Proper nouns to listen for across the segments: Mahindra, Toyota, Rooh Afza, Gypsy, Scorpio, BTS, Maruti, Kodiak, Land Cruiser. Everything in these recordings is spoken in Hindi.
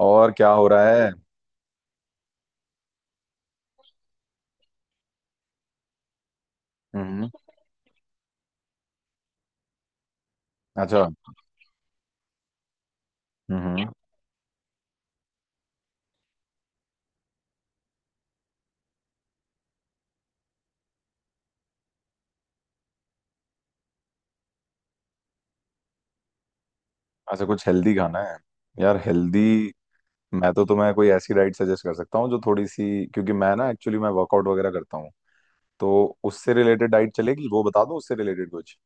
और क्या हो रहा है? हम्म। अच्छा। हम्म। अच्छा, कुछ हेल्दी खाना है। यार हेल्दी, मैं तो तुम्हें कोई ऐसी डाइट सजेस्ट कर सकता हूँ जो थोड़ी सी, क्योंकि मैं ना एक्चुअली मैं वर्कआउट वगैरह करता हूँ तो उससे रिलेटेड डाइट चलेगी, वो बता दो, उससे रिलेटेड कुछ।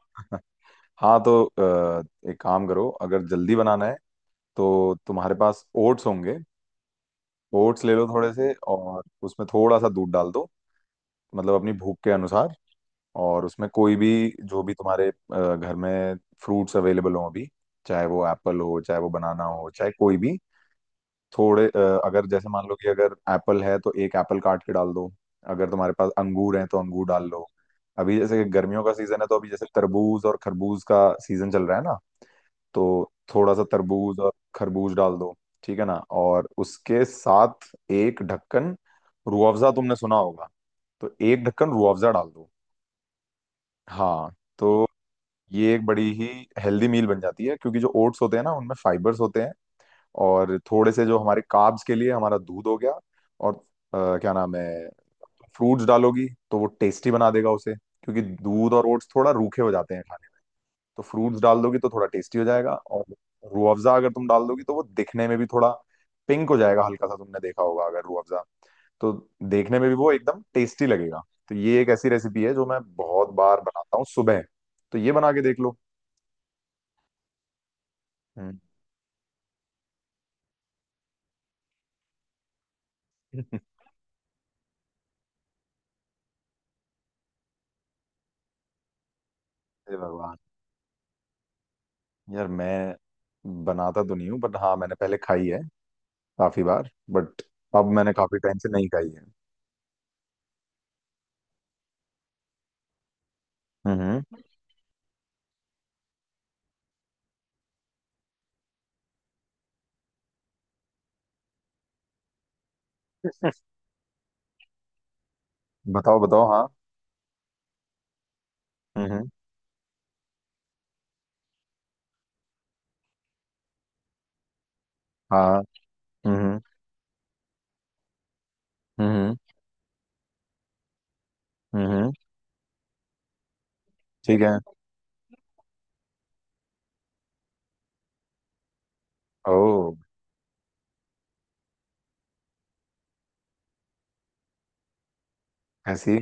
हाँ तो एक काम करो, अगर जल्दी बनाना है तो तुम्हारे पास ओट्स होंगे। ओट्स ले लो थोड़े से और उसमें थोड़ा सा दूध डाल दो, मतलब अपनी भूख के अनुसार। और उसमें कोई भी, जो भी तुम्हारे घर में फ्रूट्स अवेलेबल हो अभी, चाहे वो एप्पल हो चाहे वो बनाना हो चाहे कोई भी। थोड़े अगर जैसे मान लो कि अगर एप्पल है तो एक एप्पल काट के डाल दो। अगर तुम्हारे पास अंगूर है तो अंगूर डाल लो। अभी जैसे गर्मियों का सीजन है तो अभी जैसे तरबूज और खरबूज का सीजन चल रहा है ना, तो थोड़ा सा तरबूज और खरबूज डाल दो। ठीक है ना। और उसके साथ एक ढक्कन रूह अफ़ज़ा, तुमने सुना होगा, तो एक ढक्कन रूह अफ़ज़ा डाल दो। हाँ, तो ये एक बड़ी ही हेल्दी मील बन जाती है, क्योंकि जो ओट्स होते हैं ना उनमें फाइबर्स होते हैं, और थोड़े से जो हमारे कार्ब्स के लिए हमारा दूध हो गया, और क्या नाम है, फ्रूट्स डालोगी तो वो टेस्टी बना देगा उसे, क्योंकि दूध और ओट्स थोड़ा रूखे हो जाते हैं खाने में। तो फ्रूट्स डाल दोगी तो थोड़ा टेस्टी हो जाएगा, और रूह अफ़ज़ा अगर तुम डाल दोगी तो वो दिखने में भी थोड़ा पिंक हो जाएगा, हल्का सा, तुमने देखा होगा अगर रूह अफ़ज़ा, तो देखने में भी वो एकदम टेस्टी लगेगा। तो ये एक ऐसी रेसिपी है जो मैं बहुत बार बनाता हूँ सुबह, तो ये बना के देख लो। हम्म। हे भगवान, यार मैं बनाता तो नहीं हूँ बट हाँ मैंने पहले खाई है काफी बार बट अब मैंने काफी टाइम से नहीं खाई है। हम्म। बताओ बताओ, हाँ। हम्म हम्म, हाँ। हम्म हम्म हम्म हम्म, हम्म, ठीक है। ओ, ऐसी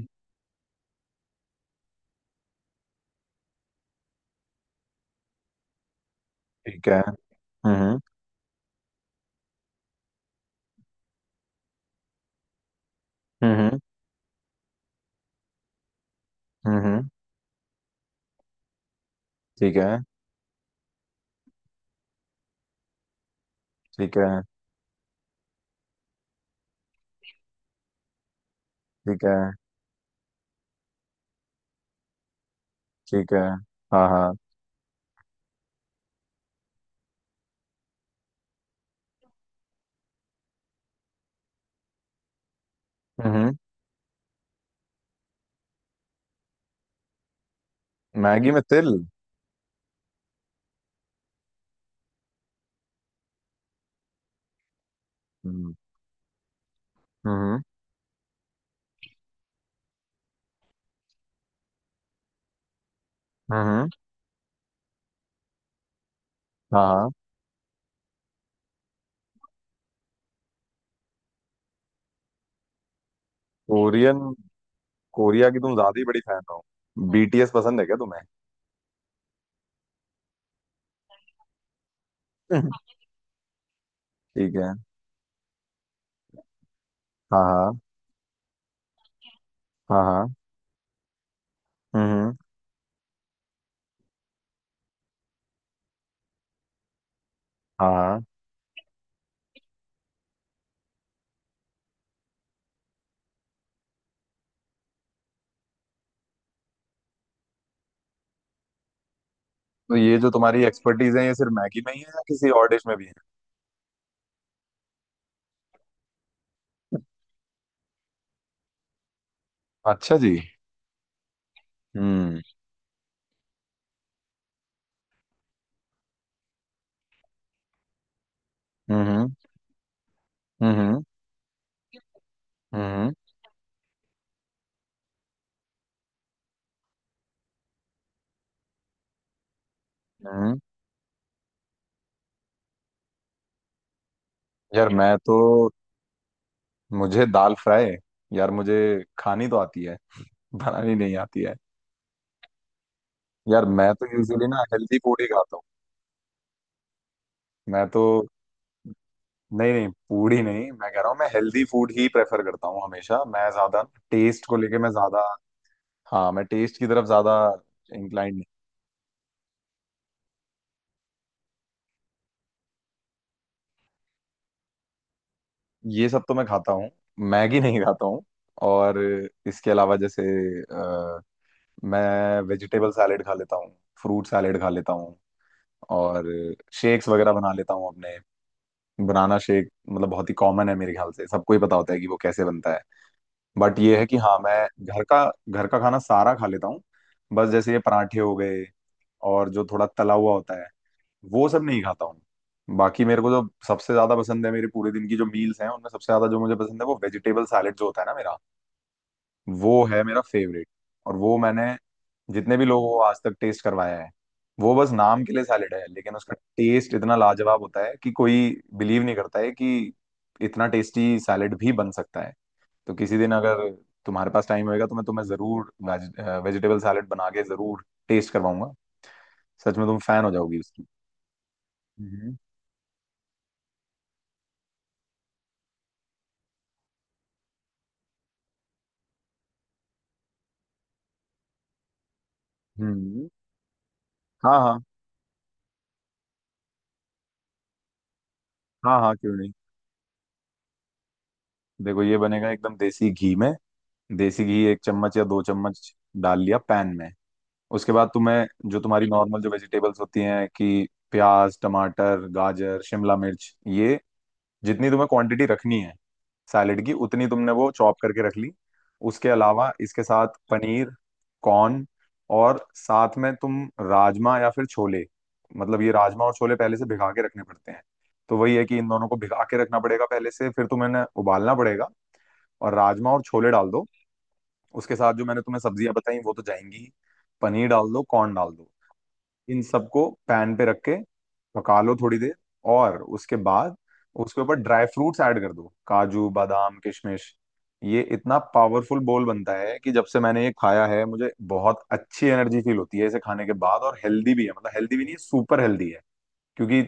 ठीक है। हम्म हम्म हम्म हम्म, हम्म, हम्म, ठीक है। ठीक है। ठीक है। ठीक है। हाँ हाँ। हम्म हम्म, मैगी में तिल? हम्म हम्म हम्म हम्म, हम्म, हाँ हाँ। कोरियन, कोरिया की तुम ज्यादा ही बड़ी फैन हो, बीटीएस पसंद है क्या तुम्हें? ठीक है। हाँ हाँ हाँ। हाँ। हम्म हम्म, हाँ हाँ। तो ये जो तुम्हारी एक्सपर्टीज है ये सिर्फ मैगी में ही है या किसी और डिश में भी है? अच्छा जी। हम्म हम्म हम्म हम्म हम्म हम्म। यार मैं तो मुझे दाल फ्राई, यार मुझे खानी तो आती है, बनानी नहीं आती है। यार मैं तो यूजुअली ना हेल्दी फूड ही खाता हूँ। मैं तो नहीं नहीं, पूरी नहीं, मैं कह रहा हूँ, मैं हेल्दी फूड ही प्रेफर करता हूँ, हमेशा मैं ज्यादा टेस्ट को लेके, मैं ज्यादा, हाँ मैं टेस्ट की तरफ ज्यादा इंक्लाइंड। ये सब तो मैं खाता हूँ, मैगी नहीं खाता हूँ। और इसके अलावा जैसे अ, मैं वेजिटेबल सैलेड खा लेता हूँ, फ्रूट सैलेड खा लेता हूँ, और शेक्स वगैरह बना लेता हूँ अपने। बनाना शेक मतलब बहुत ही कॉमन है, मेरे ख्याल से सबको ही पता होता है कि वो कैसे बनता है। बट ये है कि हाँ मैं घर का घर का खाना सारा खा लेता हूँ। बस जैसे ये पराठे हो गए और जो थोड़ा तला हुआ होता है वो सब नहीं खाता हूँ। बाकी मेरे को जो सबसे ज्यादा पसंद है, मेरे पूरे दिन की जो मील्स हैं उनमें सबसे ज्यादा जो मुझे पसंद है वो वेजिटेबल सैलेड जो होता है ना मेरा, वो है मेरा फेवरेट। और वो मैंने जितने भी लोगों को आज तक टेस्ट करवाया है, वो बस नाम के लिए सैलेड है लेकिन उसका टेस्ट इतना लाजवाब होता है कि कोई बिलीव नहीं करता है कि इतना टेस्टी सैलेड भी बन सकता है। तो किसी दिन अगर तुम्हारे पास टाइम होएगा तो मैं तुम्हें जरूर वेजिटेबल सैलेड बना के जरूर टेस्ट करवाऊंगा, सच में तुम फैन हो जाओगी उसकी। हम्म। हम्म। हाँ हाँ। हाँ हाँ, क्यों नहीं। देखो ये बनेगा एकदम देसी घी में, देसी घी 1 चम्मच या 2 चम्मच डाल लिया पैन में। उसके बाद तुम्हें जो तुम्हारी नॉर्मल जो वेजिटेबल्स होती हैं, कि प्याज टमाटर गाजर शिमला मिर्च, ये जितनी तुम्हें क्वांटिटी रखनी है सैलेड की उतनी तुमने वो चॉप करके रख ली। उसके अलावा इसके साथ पनीर, कॉर्न, और साथ में तुम राजमा या फिर छोले, मतलब ये राजमा और छोले पहले से भिगा के रखने पड़ते हैं, तो वही है कि इन दोनों को भिगा के रखना पड़ेगा पहले से, फिर तुम्हें इन्हें उबालना पड़ेगा। और राजमा और छोले डाल दो, उसके साथ जो मैंने तुम्हें सब्जियां बताई वो तो जाएंगी ही, पनीर डाल दो, कॉर्न डाल दो। इन सबको पैन पे रख के पका लो थोड़ी देर, और उसके बाद उसके ऊपर ड्राई फ्रूट्स ऐड कर दो, काजू बादाम किशमिश। ये इतना पावरफुल बोल बनता है कि जब से मैंने ये खाया है मुझे बहुत अच्छी एनर्जी फील होती है इसे खाने के बाद, और हेल्दी भी है, मतलब हेल्दी भी नहीं, सुपर हेल्दी है। क्योंकि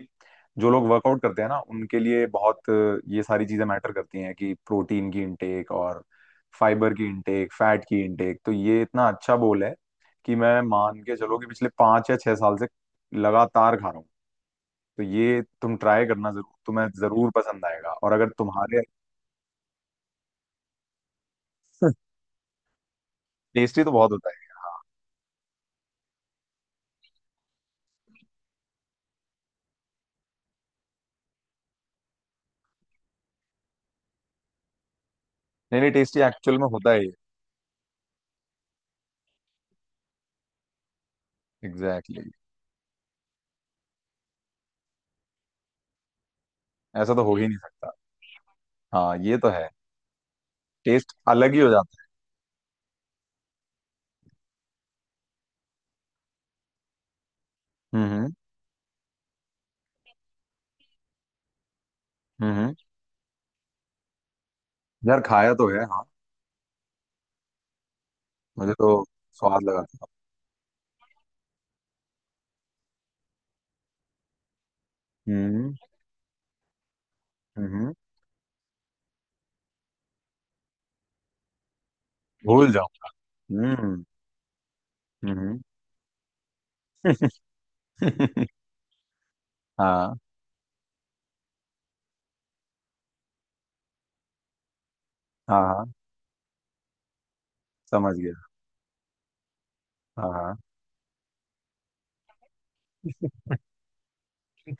जो लोग वर्कआउट करते हैं ना उनके लिए बहुत ये सारी चीजें मैटर करती हैं, कि प्रोटीन की इनटेक और फाइबर की इनटेक फैट की इनटेक, तो ये इतना अच्छा बोल है कि मैं मान के चलो कि पिछले 5 या 6 साल से लगातार खा रहा हूँ। तो ये तुम ट्राई करना जरूर, तुम्हें जरूर पसंद आएगा, और अगर तुम्हारे टेस्टी तो बहुत होता है। नहीं नहीं, टेस्टी एक्चुअल में होता है ये। Exactly exactly. ऐसा तो हो ही नहीं सकता। हाँ ये तो है, टेस्ट अलग ही हो जाता है। हम्म हम्म। यार खाया तो है हाँ। मुझे तो स्वाद लगा था। हम्म। हम्म। भूल जाओ। हम्म। हम्म। हाँ हाँ हाँ, समझ गया। हाँ हाँ,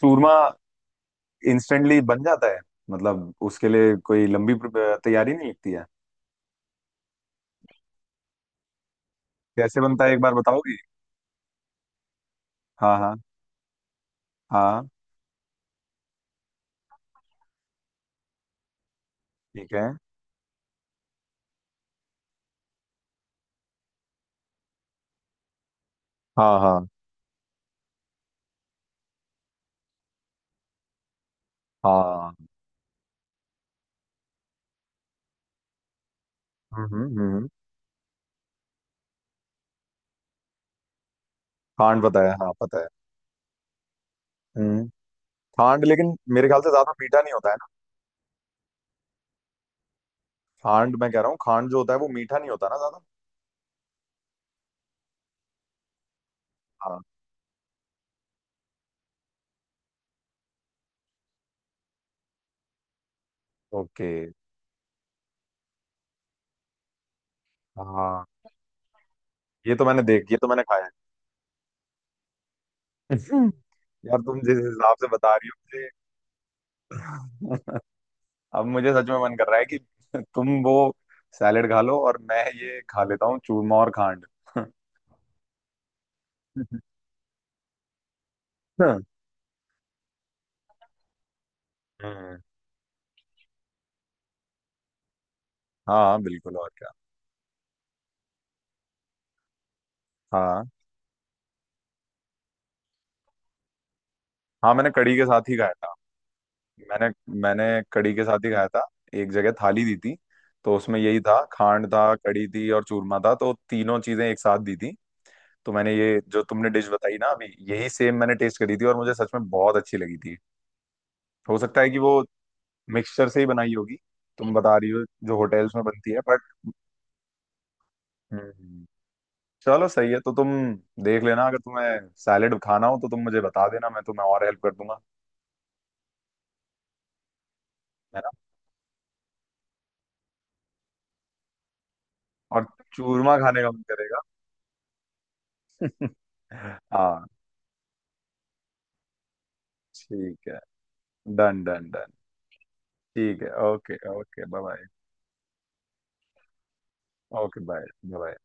चूरमा इंस्टेंटली बन जाता है, मतलब उसके लिए कोई लंबी तैयारी नहीं लगती है। कैसे बनता है एक बार बताओगी? हाँ हाँ। हाँ। ठीक है। हाँ। हाँ हाँ। हम्म हम्म हम्म। खांड पता है, हाँ पता है। हम्म। खांड लेकिन मेरे ख्याल से ज्यादा मीठा नहीं होता है ना। खांड मैं कह रहा हूँ, खांड जो होता है वो मीठा नहीं होता ना ज्यादा। हाँ। ओके। हाँ, ये तो मैंने देख, ये तो मैंने खाया है। यार तुम जिस हिसाब से बता रही हो मुझे अब मुझे सच में मन कर रहा है कि तुम वो सैलेड खा लो और मैं ये खा लेता हूँ चूरमा और खांड। हम्म, हाँ बिल्कुल, और क्या। हाँ हाँ, मैंने कढ़ी के साथ ही खाया था। मैंने मैंने कढ़ी के साथ ही खाया था, एक जगह थाली दी थी, तो उसमें यही था, खांड था, कढ़ी थी और चूरमा था, तो तीनों चीजें एक साथ दी थी। तो मैंने ये जो तुमने डिश बताई ना अभी, यही सेम मैंने टेस्ट करी थी और मुझे सच में बहुत अच्छी लगी थी। हो सकता है कि वो मिक्सचर से ही बनाई होगी, तुम बता रही हो जो होटल्स में बनती है बट। हम्म। चलो सही है, तो तुम देख लेना, अगर तुम्हें सैलेड खाना हो तो तुम मुझे बता देना, मैं तुम्हें और हेल्प कर दूंगा। है ना। और चूरमा खाने का मन करेगा। हाँ। ठीक है। Done done done. ठीक है। Okay okay, bye bye. Okay bye. Bye.